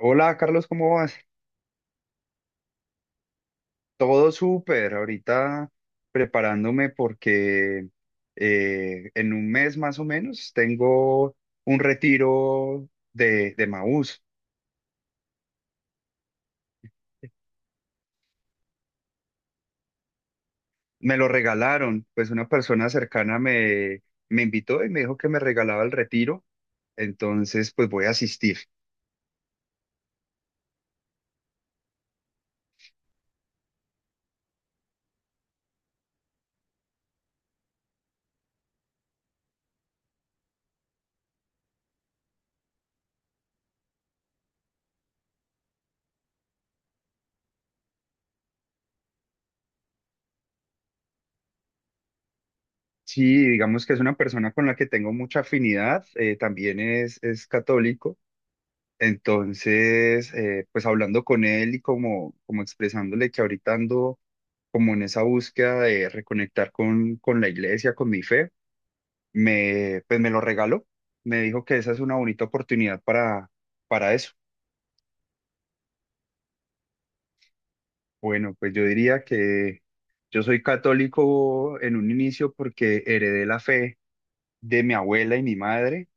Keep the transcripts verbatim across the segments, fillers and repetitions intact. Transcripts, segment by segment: Hola Carlos, ¿cómo vas? Todo súper, ahorita preparándome porque eh, en un mes más o menos tengo un retiro de, de Maús. Me lo regalaron, pues una persona cercana me, me invitó y me dijo que me regalaba el retiro, entonces pues voy a asistir. Sí, digamos que es una persona con la que tengo mucha afinidad, eh, también es, es católico. Entonces, eh, pues hablando con él y como, como expresándole que ahorita ando como en esa búsqueda de reconectar con, con la iglesia, con mi fe, me, pues me lo regaló. Me dijo que esa es una bonita oportunidad para, para eso. Bueno, pues yo diría que yo soy católico en un inicio porque heredé la fe de mi abuela y mi madre,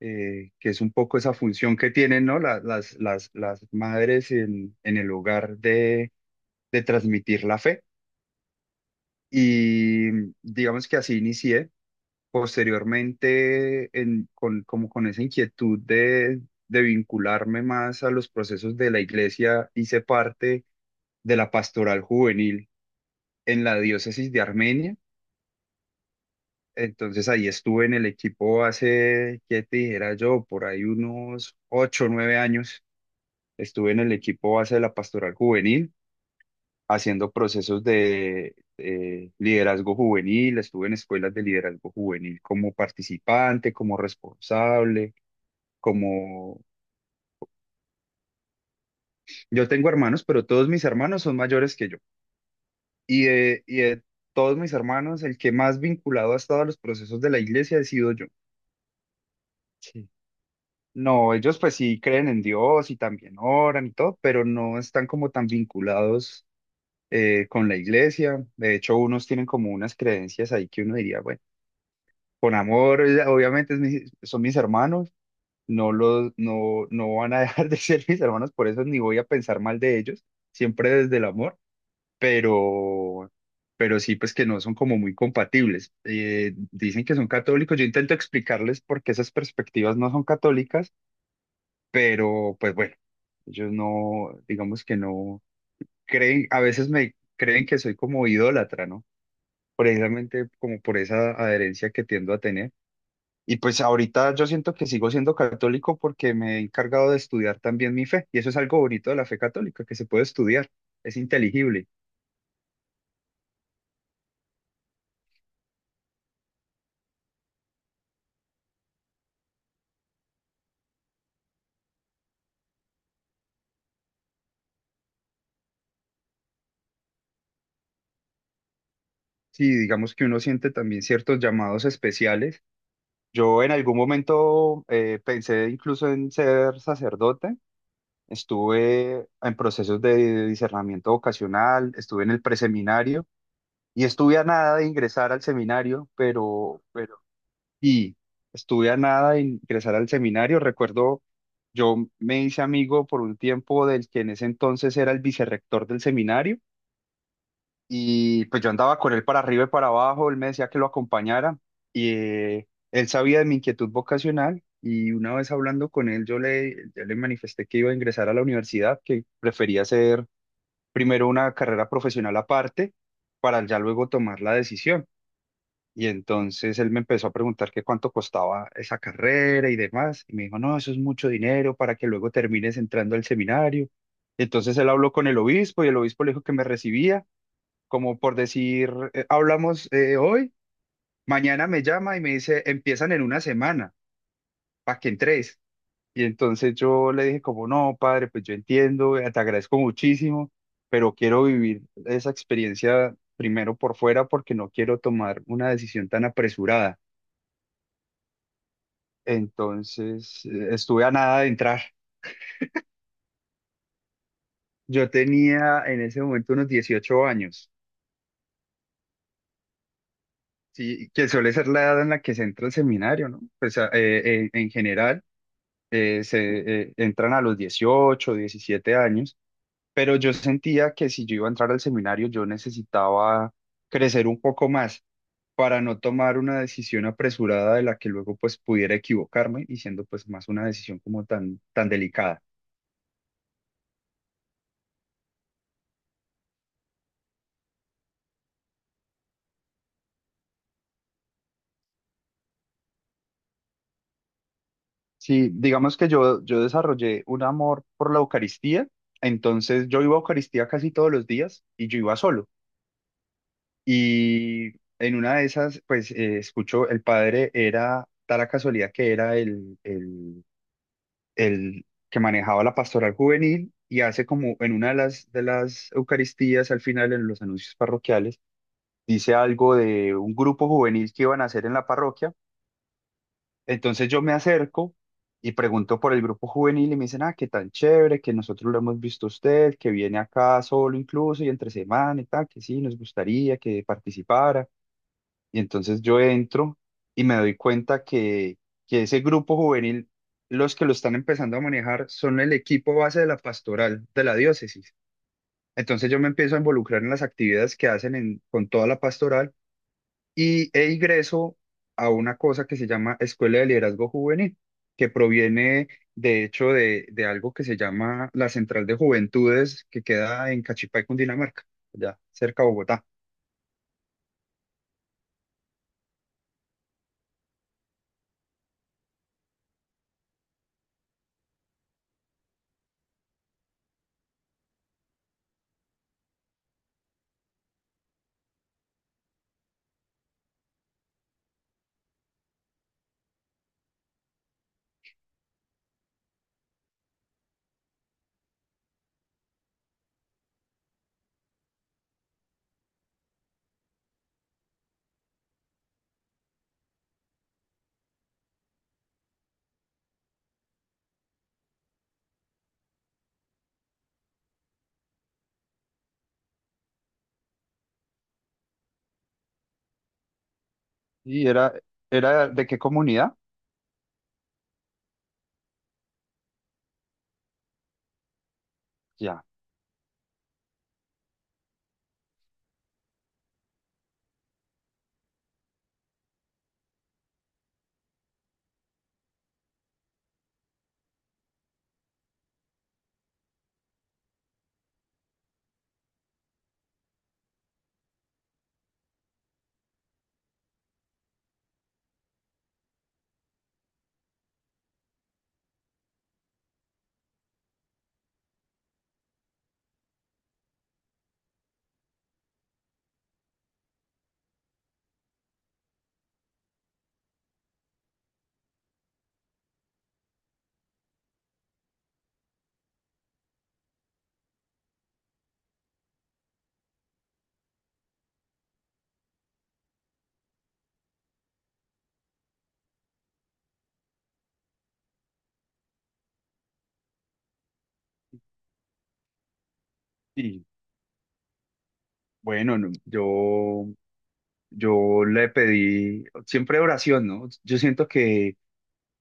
eh, que es un poco esa función que tienen, ¿no? La- Las, las, las madres en, en el hogar de transmitir la fe. Y mm, digamos que así inicié. Posteriormente, en- con, como con esa inquietud de, de vincularme más a los procesos de la iglesia, hice parte de la pastoral juvenil en la diócesis de Armenia. Entonces ahí estuve en el equipo hace, ¿qué te dijera yo? Por ahí unos ocho o nueve años. Estuve en el equipo base de la pastoral juvenil haciendo procesos de eh, liderazgo juvenil, estuve en escuelas de liderazgo juvenil como participante, como responsable, como... Yo tengo hermanos, pero todos mis hermanos son mayores que yo. Y de, y de todos mis hermanos, el que más vinculado ha estado a los procesos de la iglesia he sido yo. Sí. No, ellos pues sí creen en Dios y también oran y todo, pero no están como tan vinculados eh, con la iglesia. De hecho, unos tienen como unas creencias ahí que uno diría, bueno. Con amor, ella- obviamente es mi- son mis hermanos, no los, no, no van a dejar de ser mis hermanos, por eso ni voy a pensar mal de ellos, siempre desde el amor, pero, pero sí, pues que no son como muy compatibles. Eh, dicen que son católicos, yo intento explicarles por qué esas perspectivas no son católicas, pero pues bueno, ellos no, digamos que no creen, a veces me creen que soy como idólatra, ¿no? Precisamente como por esa adherencia que tiendo a tener. Y pues ahorita yo siento que sigo siendo católico porque me he encargado de estudiar también mi fe. Y eso es algo bonito de la fe católica, que se puede estudiar, es inteligible. Sí, digamos que uno siente también ciertos llamados especiales. Yo en algún momento eh, pensé incluso en ser sacerdote. Estuve en procesos de discernimiento vocacional, estuve en el preseminario y estuve a nada de ingresar al seminario, pero, pero y estuve a nada de ingresar al seminario. Recuerdo, yo me hice amigo por un tiempo del que en ese entonces era el vicerrector del seminario y pues yo andaba con él para arriba y para abajo, él me decía que lo acompañara y eh, él sabía de mi inquietud vocacional y una vez hablando con él yo le, yo le manifesté que iba a ingresar a la universidad, que prefería hacer primero una carrera profesional aparte para ya luego tomar la decisión. Y entonces él me empezó a preguntar que cuánto costaba esa carrera y demás. Y me dijo, no, eso es mucho dinero para que luego termines entrando al seminario. Entonces él habló con el obispo y el obispo le dijo que me recibía, como por decir, "Eh, hablamos eh, hoy, mañana me llama y me dice, empiezan en una semana, para que entres". Y entonces yo le dije como, no, padre, pues yo entiendo, eh, te agradezco muchísimo, pero quiero vivir esa experiencia primero por fuera porque no quiero tomar una decisión tan apresurada. Entonces, eh, estuve a nada de entrar. Yo tenía en ese momento unos dieciocho años, sí, que suele ser la edad en la que se entra al seminario, ¿no? Pues a- eh, eh, en general eh, se eh, entran a los dieciocho, diecisiete años, pero yo sentía que si yo iba a entrar al seminario, yo necesitaba crecer un poco más para no tomar una decisión apresurada de la que luego pues pudiera equivocarme y siendo pues más una decisión como tan, tan delicada. Sí, digamos que yo, yo desarrollé un amor por la Eucaristía, entonces yo iba a Eucaristía casi todos los días y yo iba solo. Y en una de esas, pues eh, escucho, el padre era, da la casualidad que era el, el, el que manejaba la pastoral juvenil y hace como en una de las, de las Eucaristías, al final en los anuncios parroquiales, dice algo de un grupo juvenil que iban a hacer en la parroquia. Entonces yo me acerco y pregunto por el grupo juvenil y me dicen, ah, qué tan chévere, que nosotros lo hemos visto a usted, que viene acá solo incluso y entre semana y tal, que sí, nos gustaría que participara. Y entonces yo entro y me doy cuenta que, que ese grupo juvenil, los que lo están empezando a manejar son el equipo base de la pastoral de la diócesis. Entonces yo me empiezo a involucrar en las actividades que hacen en- con toda la pastoral y e ingreso a una cosa que se llama Escuela de Liderazgo Juvenil, que proviene de hecho de, de algo que se llama la Central de Juventudes, que queda en Cachipay, Cundinamarca, allá cerca de Bogotá. ¿Y era, era de qué comunidad? Ya. Y bueno, no, yo, yo le pedí siempre oración, ¿no? Yo siento que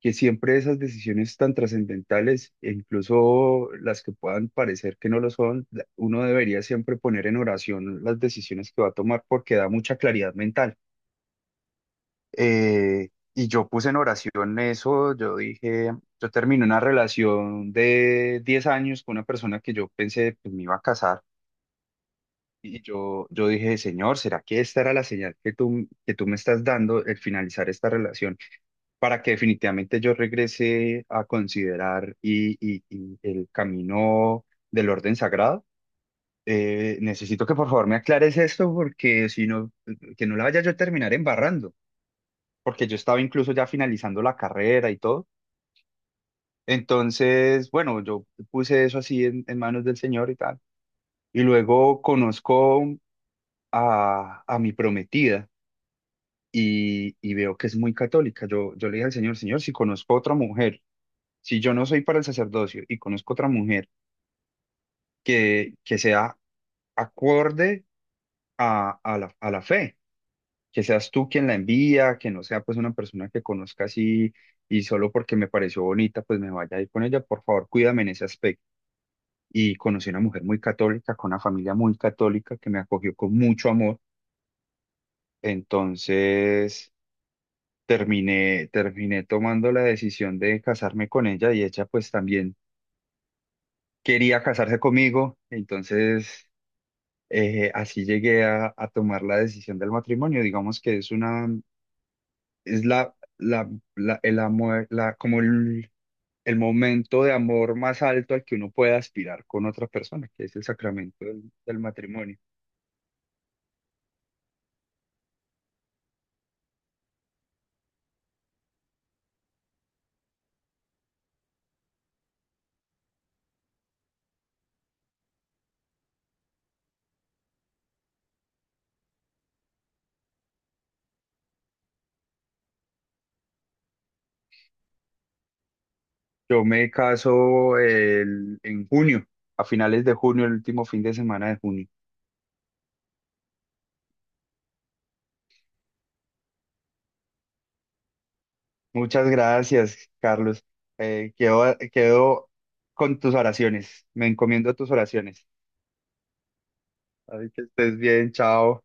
que siempre esas decisiones tan trascendentales, e incluso las que puedan parecer que no lo son, la- uno debería siempre poner en oración las decisiones que va a tomar porque da mucha claridad mental. Eh, y yo puse en oración eso, yo dije, yo terminé una relación de diez años con una persona que yo pensé, pues me iba a casar. Y yo, yo dije, Señor, ¿será que esta era la señal que tú, que tú me estás dando el finalizar esta relación, para que definitivamente yo regrese a considerar y, y- y el camino del orden sagrado? Eh, necesito que por favor me aclares esto porque si no, que no la vaya yo a terminar embarrando, porque yo estaba incluso ya finalizando la carrera y todo. Entonces, bueno, yo puse eso así en, en manos del Señor y tal. Y luego conozco a, a mi prometida y, y veo que es muy católica. Yo, yo le dije al Señor, Señor, si conozco a otra mujer, si yo no soy para el sacerdocio y conozco otra mujer que, que sea acorde a, a la, a la fe, que seas tú quien la envía, que no sea pues una persona que conozca así y solo porque me pareció bonita, pues me vaya a ir con ella, por favor, cuídame en ese aspecto. Y conocí una mujer muy católica, con una familia muy católica que me acogió con mucho amor. Entonces terminé, terminé tomando la decisión de casarme con ella y ella pues también quería casarse conmigo, entonces eh, así llegué a, a tomar la decisión del matrimonio. Digamos que es una, es la, la, la- el amor, la, como el, el momento de amor más alto al que uno puede aspirar con otra persona, que es el sacramento del, del matrimonio. Yo me caso el- en junio, a finales de junio, el último fin de semana de junio. Muchas gracias, Carlos. Eh, quedo, quedo con tus oraciones. Me encomiendo a tus oraciones. Así que estés bien, chao.